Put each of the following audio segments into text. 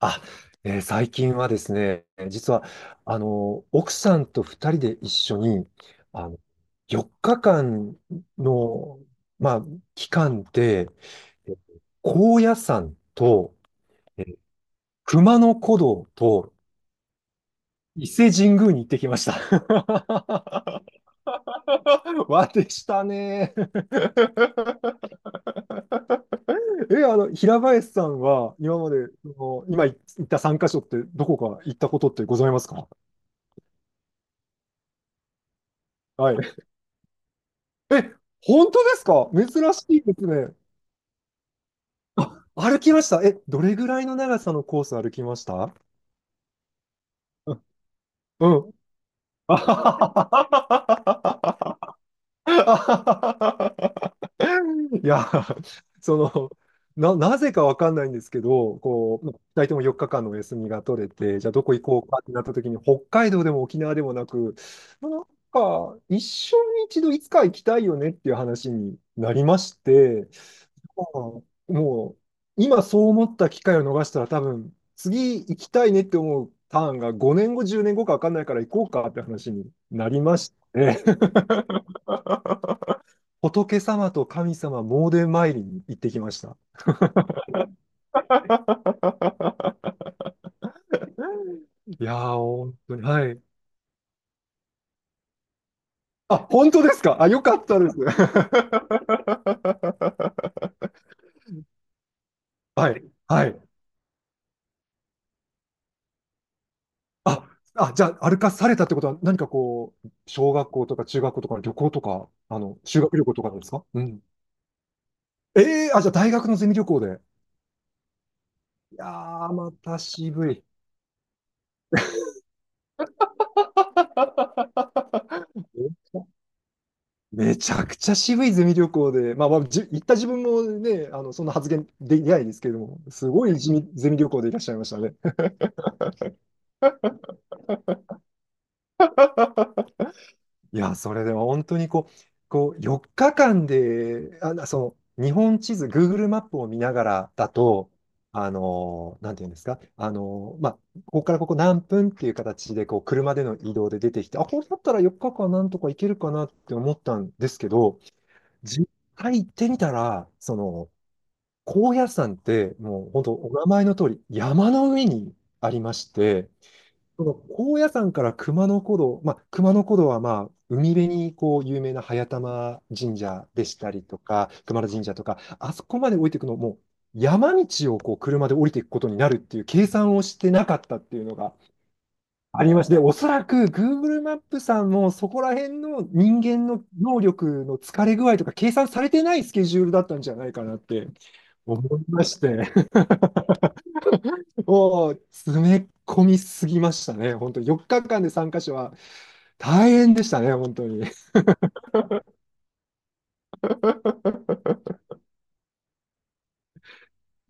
あ、最近はですね、実は、奥さんと二人で一緒に、あの、4日間の、まあ、期間で、えー高野山と、えー熊野古道と伊勢神宮に行ってきました。わでしたね。え、平林さんは今まで、その今行った3カ所ってどこか行ったことってございますか？はい。え、本当ですか？珍しいですね。あ、歩きました。え、どれぐらいの長さのコース歩きました？うんうん。あははははいや、その、なぜかわかんないんですけど、こう、2人とも4日間のお休みが取れて、じゃあどこ行こうかってなった時に、北海道でも沖縄でもなく、なんか、一生に一度いつか行きたいよねっていう話になりまして、もう、もう今そう思った機会を逃したら多分、次行きたいねって思うターンが5年後、10年後か分かんないから行こうかって話になりまして、仏様と神様詣で参りに行ってきました。いやー、本当に、はい。あ、本当ですかあ、よかったです。はい、はい。あ、あ、じゃあ、歩かされたってことは、何かこう、小学校とか中学校とかの旅行とか、修学旅行とかですか？うん。ええあ、じゃあ大学のゼミ旅行で。いやー、また渋い。めちゃくちゃ渋いゼミ旅行で、まあ、まあ、行った自分もね、そんな発言できないですけれども、すごいゼミ旅行でいらっしゃいましたね。いや、それでも本当にこう、4日間で、あ、その日本地図、Google マップを見ながらだと、なんていうんですか、まあ、ここからここ何分っていう形でこう車での移動で出てきて、あ、これだったら4日間なんとか行けるかなって思ったんですけど、実際行ってみたら、高野山ってもう本当お名前の通り山の上にありまして、その高野山から熊野古道、まあ、熊野古道はまあ海辺にこう有名な早玉神社でしたりとか、熊野神社とか、あそこまで降りていくのも、山道をこう車で降りていくことになるっていう計算をしてなかったっていうのがありまして、おそらく Google マップさんもそこら辺の人間の能力の疲れ具合とか計算されてないスケジュールだったんじゃないかなって思いまして、もう詰め込みすぎましたね。本当4日間で3カ所は大変でしたね、本当に。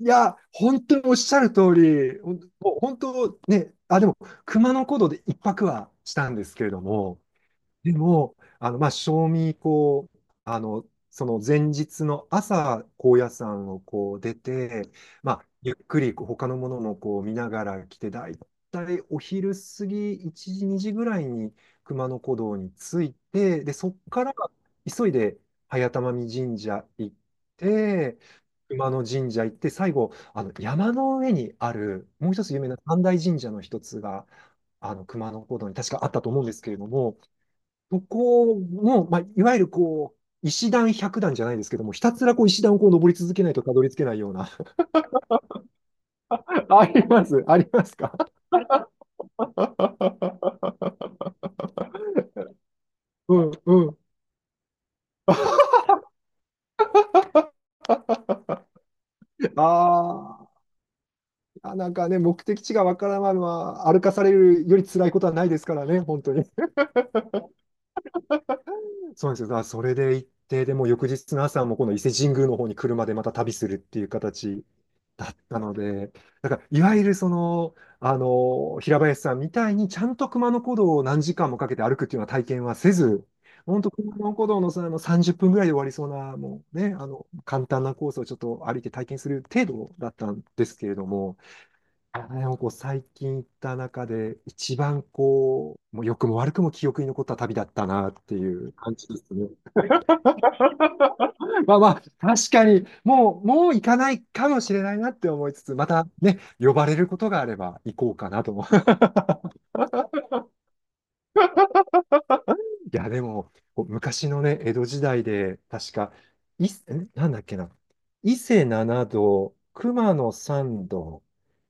いや、本当におっしゃる通り、もう本当、あ、でも、熊野古道で一泊はしたんですけれども、でも、まあ、賞味、その前日の朝、高野山をこう出て、まあ、ゆっくりこう他のものもこう見ながら来て、だいたいお昼過ぎ、1時、2時ぐらいに熊野古道に着いて、で、そっから急いで早玉見神社行って、熊野神社行って、最後、あの山の上にある、もう一つ有名な三大神社の一つが、あの熊野古道に確かあったと思うんですけれども、そこの、まあ、いわゆるこう、石段百段じゃないですけども、ひたすらこう石段をこう登り続けないとたどり着けないような。ありますありますか うんうん。あーあ、なんかね、目的地がわからないのは、歩かされるより辛いことはないですからね、本当に。そうなんですよ。だからそれで行って、でも翌日の朝もこの伊勢神宮の方に車でまた旅するっていう形だったので、だからいわゆる平林さんみたいにちゃんと熊野古道を何時間もかけて歩くっていうような体験はせず、本当熊野古道の、30分ぐらいで終わりそうな、もうね、簡単なコースをちょっと歩いて体験する程度だったんですけれども、あでもこう最近行った中で一番こう、もう良くも悪くも記憶に残った旅だったなっていう感じですね。まあまあ、確かに、もう、もう行かないかもしれないなって思いつつ、またね、呼ばれることがあれば行こうかなと思いや、でも、こう昔のね、江戸時代で、確か、い、んなんだっけな、伊勢七度、熊野三度、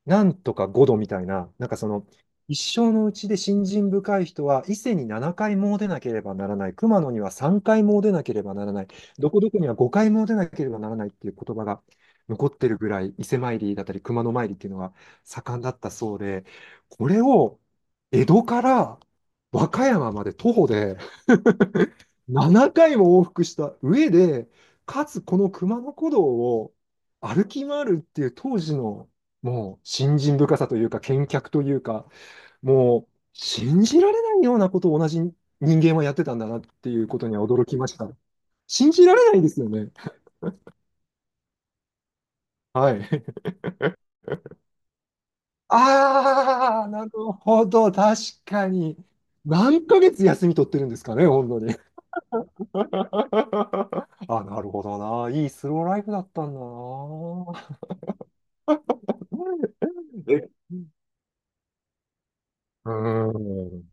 なんとか五度みたいな、なんか一生のうちで信心深い人は、伊勢に7回詣でなければならない、熊野には3回詣でなければならない、どこどこには5回詣でなければならないっていう言葉が残ってるぐらい、伊勢参りだったり、熊野参りっていうのが盛んだったそうで、これを江戸から和歌山まで徒歩で、7回も往復した上で、かつこの熊野古道を歩き回るっていう当時のもう信心深さというか、見客というか、もう信じられないようなことを同じ人間はやってたんだなっていうことには驚きました。信じられないですよね。はい。ああ、なるほど。確かに。何ヶ月休み取ってるんですかね、本当に。あ、なるほどな。いいスローライフだったんだな。え、うーん。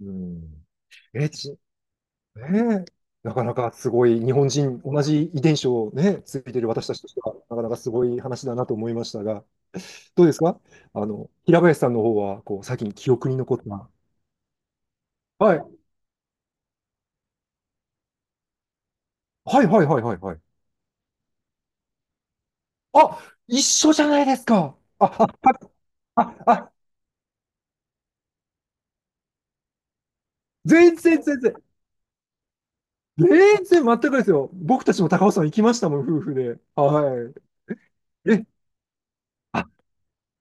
うん。え、ねえ、なかなかすごい、日本人、同じ遺伝子をね、ついている私たちとしては、なかなかすごい話だなと思いましたが、どうですか？平林さんの方は、こう、最近記憶に残った。はい。はいはいはいはいはい。あ、一緒じゃないですか？あ、あ、あ、あ、あ全然全然。全然全くですよ。僕たちも高尾山行きましたもん、夫婦で。はい。え、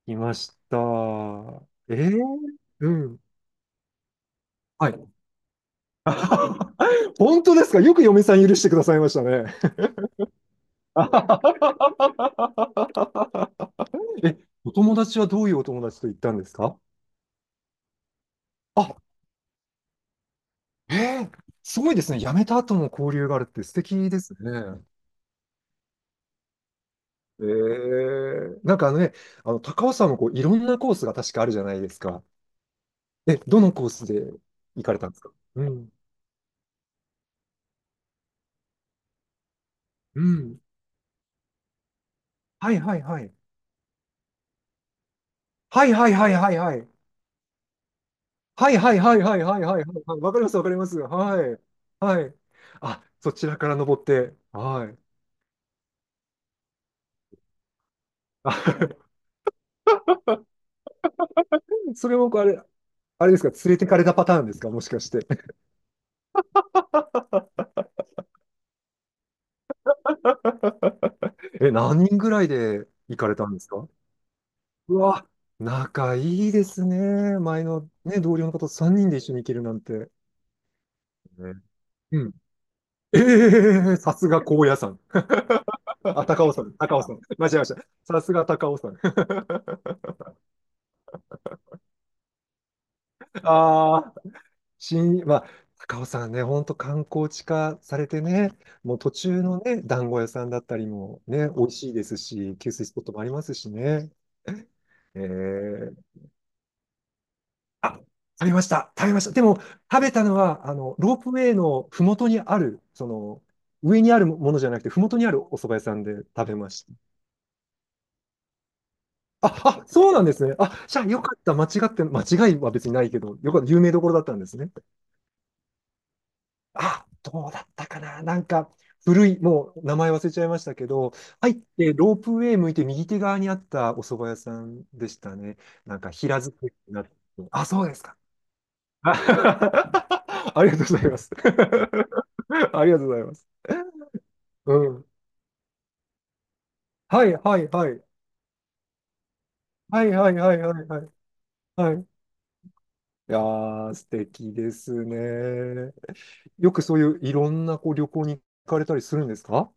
来ました。えー、うん。はい。本当ですか？よく嫁さん許してくださいましたね。え、お友達はどういうお友達と行ったんですかあ、えー、すごいですね。辞めた後も交流があるって素敵ですね。なんか高尾さんもこういろんなコースが確かあるじゃないですか。え、どのコースで行かれたんですかうん。うん。はいはいはい。はいはいはいはいはい。はいはいはいはいはいはいはいはい。わかります、わかります。はい。はい。あ、そちらから登って。はい。あ それもあれですか、連れてかれたパターンですか？もしかして。え、何人ぐらいで行かれたんですかうわ、仲いいですね。前のね、同僚の方と3人で一緒に行けるなんて。ねうん。ええさすが高野山。あ、高尾山、高尾山。間違えました。さすが高尾山。ああ。まあ、高尾さんね、本当観光地化されてね、もう途中のね、団子屋さんだったりもね、美味しいですし、給水スポットもありますしね。えー、あ、食べました、食べました。でも、食べたのは、ロープウェイのふもとにある、上にあるものじゃなくて、ふもとにあるお蕎麦屋さんで食べました。あ、あ、そうなんですね。あ、じゃあよかった。間違いは別にないけど、よかった。有名どころだったんですね。あ、どうだったかななんか、古い、もう名前忘れちゃいましたけど、入ってロープウェイ向いて右手側にあったお蕎麦屋さんでしたね。なんか平作りになって。あ、そうですか。ありがとうございます。ありがとうございます。うん。はいはいはい。はいはいはいはいはい。はい。いやー、素敵ですね。よくそういういろんなこう旅行に行かれたりするんですか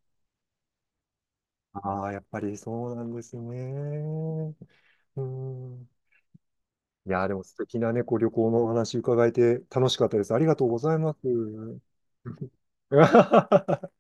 ああー、やっぱりそうなんですね。うん。いやー、でも素敵なね、こう旅行のお話伺えて楽しかったです。ありがとうございます。